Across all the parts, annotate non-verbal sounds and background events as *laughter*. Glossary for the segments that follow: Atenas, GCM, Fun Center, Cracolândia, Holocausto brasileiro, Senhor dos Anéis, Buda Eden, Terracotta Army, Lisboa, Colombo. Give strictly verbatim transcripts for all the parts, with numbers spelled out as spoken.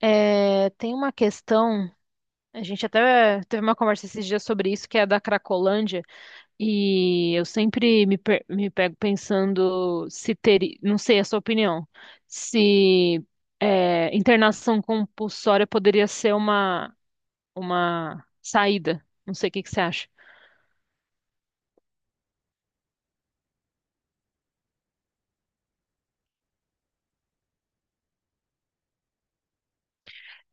É, tem uma questão, a gente até teve uma conversa esses dias sobre isso, que é a da Cracolândia, e eu sempre me, pe- me pego pensando se teria, não sei a sua opinião, se é, internação compulsória poderia ser uma, uma saída. Não sei o que que você acha.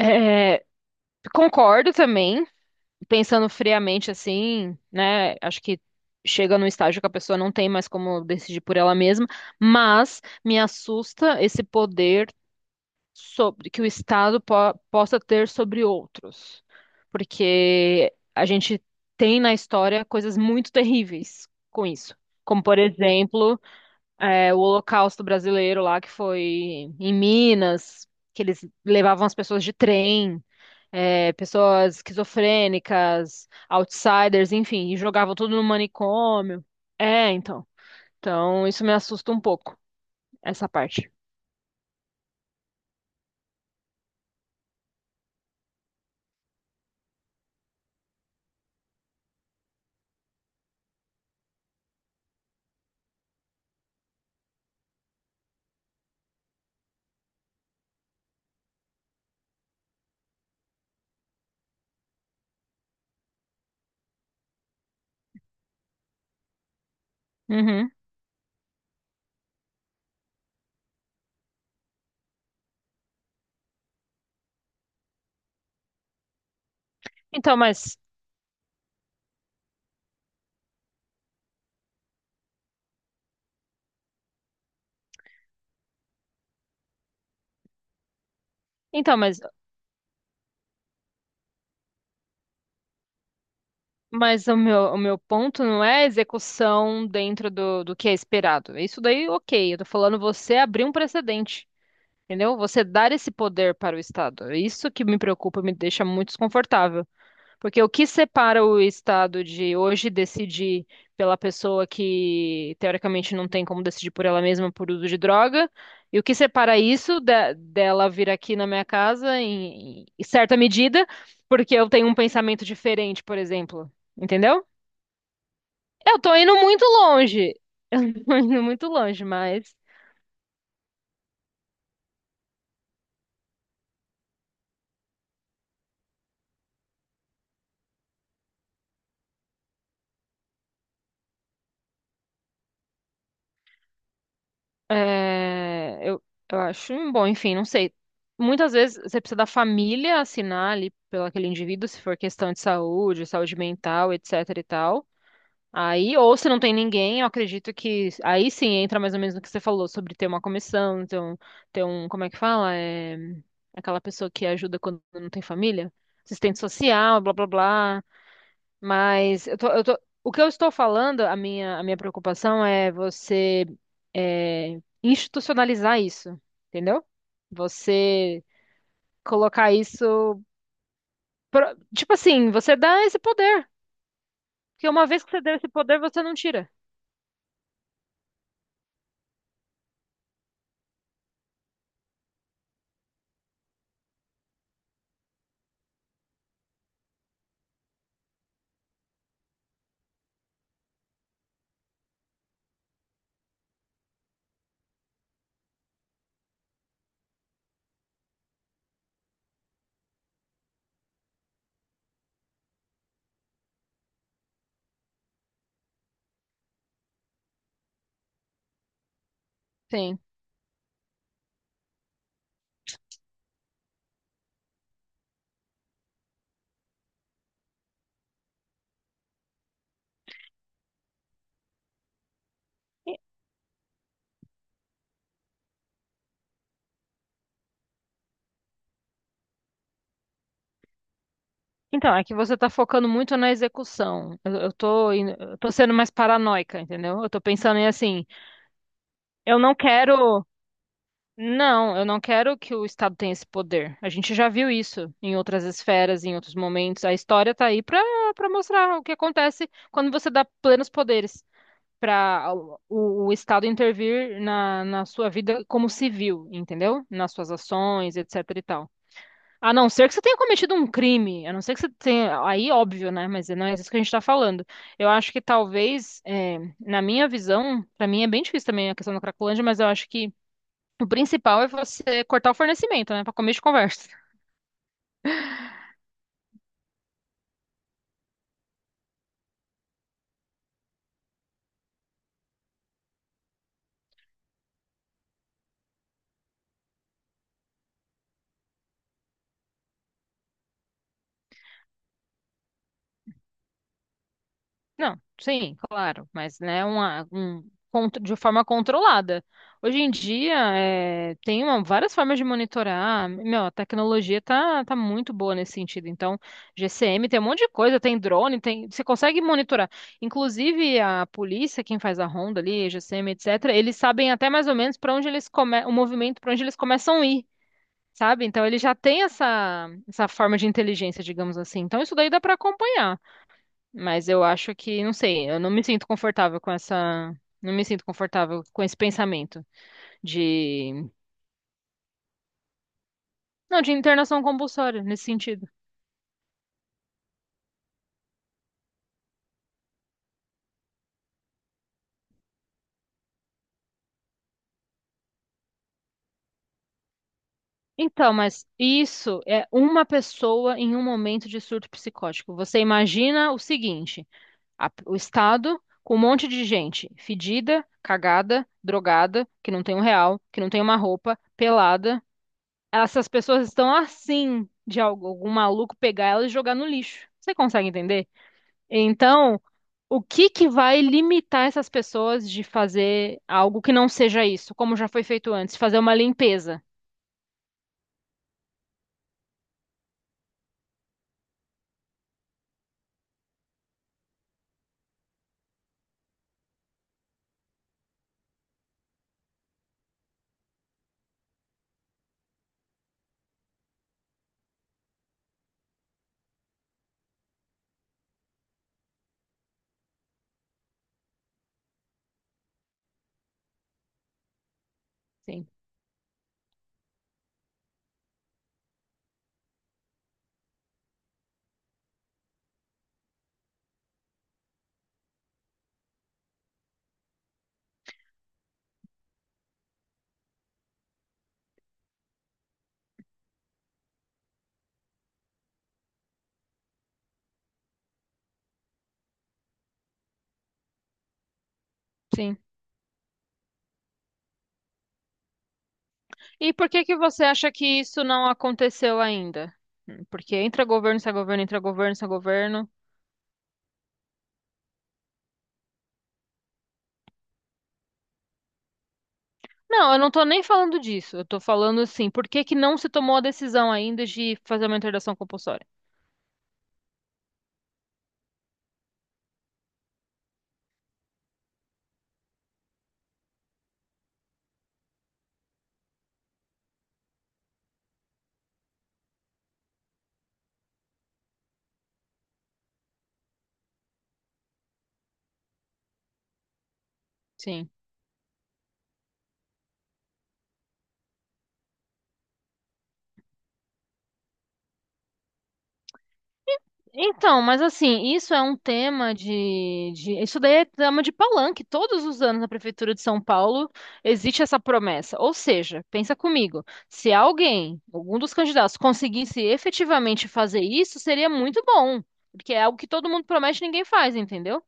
É, Concordo também pensando friamente assim, né? Acho que chega num estágio que a pessoa não tem mais como decidir por ela mesma, mas me assusta esse poder sobre que o Estado po- possa ter sobre outros, porque a gente tem na história coisas muito terríveis com isso. Como, por exemplo, é, o Holocausto brasileiro lá, que foi em Minas, que eles levavam as pessoas de trem é, pessoas esquizofrênicas, outsiders, enfim, e jogavam tudo no manicômio. É, então. Então, isso me assusta um pouco, essa parte. Uhum. Então, mas, então, mas, mas o meu, o meu ponto não é a execução dentro do, do que é esperado. Isso daí, ok. Eu tô falando você abrir um precedente, entendeu? Você dar esse poder para o Estado. É isso que me preocupa, me deixa muito desconfortável. Porque o que separa o Estado de hoje decidir pela pessoa que teoricamente não tem como decidir por ela mesma por uso de droga, e o que separa isso da- dela vir aqui na minha casa em, em certa medida, porque eu tenho um pensamento diferente, por exemplo. Entendeu? Eu tô indo muito longe. *laughs* Eu tô indo muito longe, mas. É, eu, eu acho um bom, enfim, não sei. Muitas vezes você precisa da família assinar ali pelo aquele indivíduo, se for questão de saúde, saúde mental, etc e tal. Aí, ou se não tem ninguém, eu acredito que aí sim entra mais ou menos no que você falou sobre ter uma comissão, ter um, ter um, como é que fala? É, aquela pessoa que ajuda quando não tem família, assistente social, blá blá blá. Mas eu tô, eu tô, o que eu estou falando, a minha, a minha preocupação é você é, institucionalizar isso, entendeu? Você colocar isso. pro- Tipo assim, você dá esse poder. Porque uma vez que você deu esse poder, você não tira. Sim. Então, é que você está focando muito na execução. Eu, eu tô, indo- eu tô sendo mais paranoica, entendeu? Eu tô pensando em assim, eu não quero. Não, eu não quero que o Estado tenha esse poder. A gente já viu isso em outras esferas, em outros momentos. A história está aí para para mostrar o que acontece quando você dá plenos poderes para o, o o Estado intervir na, na sua vida como civil, entendeu? Nas suas ações, etc e tal. A não ser que você tenha cometido um crime, a não ser que você tenha. Aí, óbvio, né? Mas não é isso que a gente está falando. Eu acho que talvez, eh, na minha visão, para mim é bem difícil também a questão da Cracolândia, mas eu acho que. O principal é você cortar o fornecimento, né? Para começo de conversa. Não, sim, claro, mas né, uma, um, contro- de forma controlada. Hoje em dia, é, tem uma- várias formas de monitorar. Meu, a tecnologia tá, tá muito boa nesse sentido. Então, G C M tem um monte de coisa, tem drone, tem, você consegue monitorar. Inclusive, a polícia, quem faz a ronda ali, G C M, etcétera, eles sabem até mais ou menos para onde eles come, o movimento, para onde eles começam a ir. Sabe? Então ele já tem essa, essa forma de inteligência, digamos assim. Então isso daí dá pra acompanhar, mas eu acho que, não sei, eu não me sinto confortável com essa, não me sinto confortável com esse pensamento de, não, de internação compulsória nesse sentido. Então, mas isso é uma pessoa em um momento de surto psicótico. Você imagina o seguinte: a- o Estado com um monte de gente fedida, cagada, drogada, que não tem um real, que não tem uma roupa, pelada. Essas pessoas estão assim de algo- algum maluco pegar elas e jogar no lixo. Você consegue entender? Então, o que que vai limitar essas pessoas de fazer algo que não seja isso, como já foi feito antes, fazer uma limpeza? Sim, sim. E por que que você acha que isso não aconteceu ainda? Hum. Porque entra governo, sai governo, entra governo, sai governo. Não, eu não tô nem falando disso. Eu tô falando assim, por que que não se tomou a decisão ainda de fazer uma interdição compulsória? Sim. Então, mas assim, isso é um tema de, de- isso daí é tema de palanque. Todos os anos na Prefeitura de São Paulo existe essa promessa. Ou seja, pensa comigo, se alguém, algum dos candidatos, conseguisse efetivamente fazer isso, seria muito bom. Porque é algo que todo mundo promete e ninguém faz, entendeu?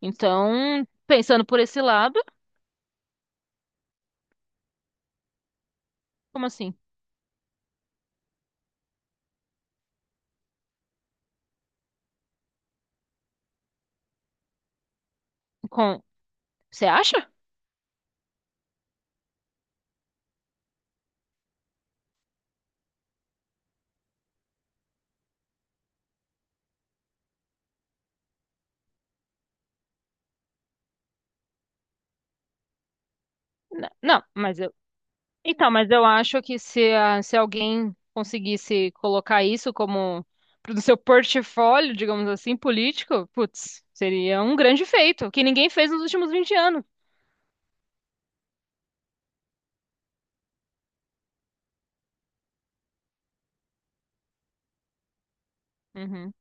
Então, pensando por esse lado, como assim? Com... Você acha? N- Não, mas eu, Então, mas eu acho que se, a- se alguém conseguisse colocar isso como pro seu portfólio, digamos assim, político, putz, seria um grande feito, que ninguém fez nos últimos vinte anos. Uhum.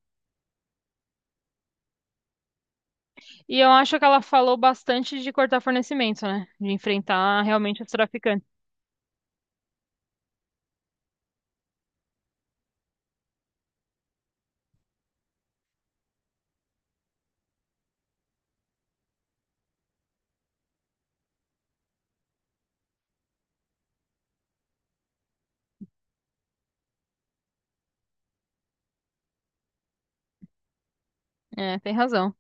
E eu acho que ela falou bastante de cortar fornecimento, né? De enfrentar realmente os traficantes. É, tem razão.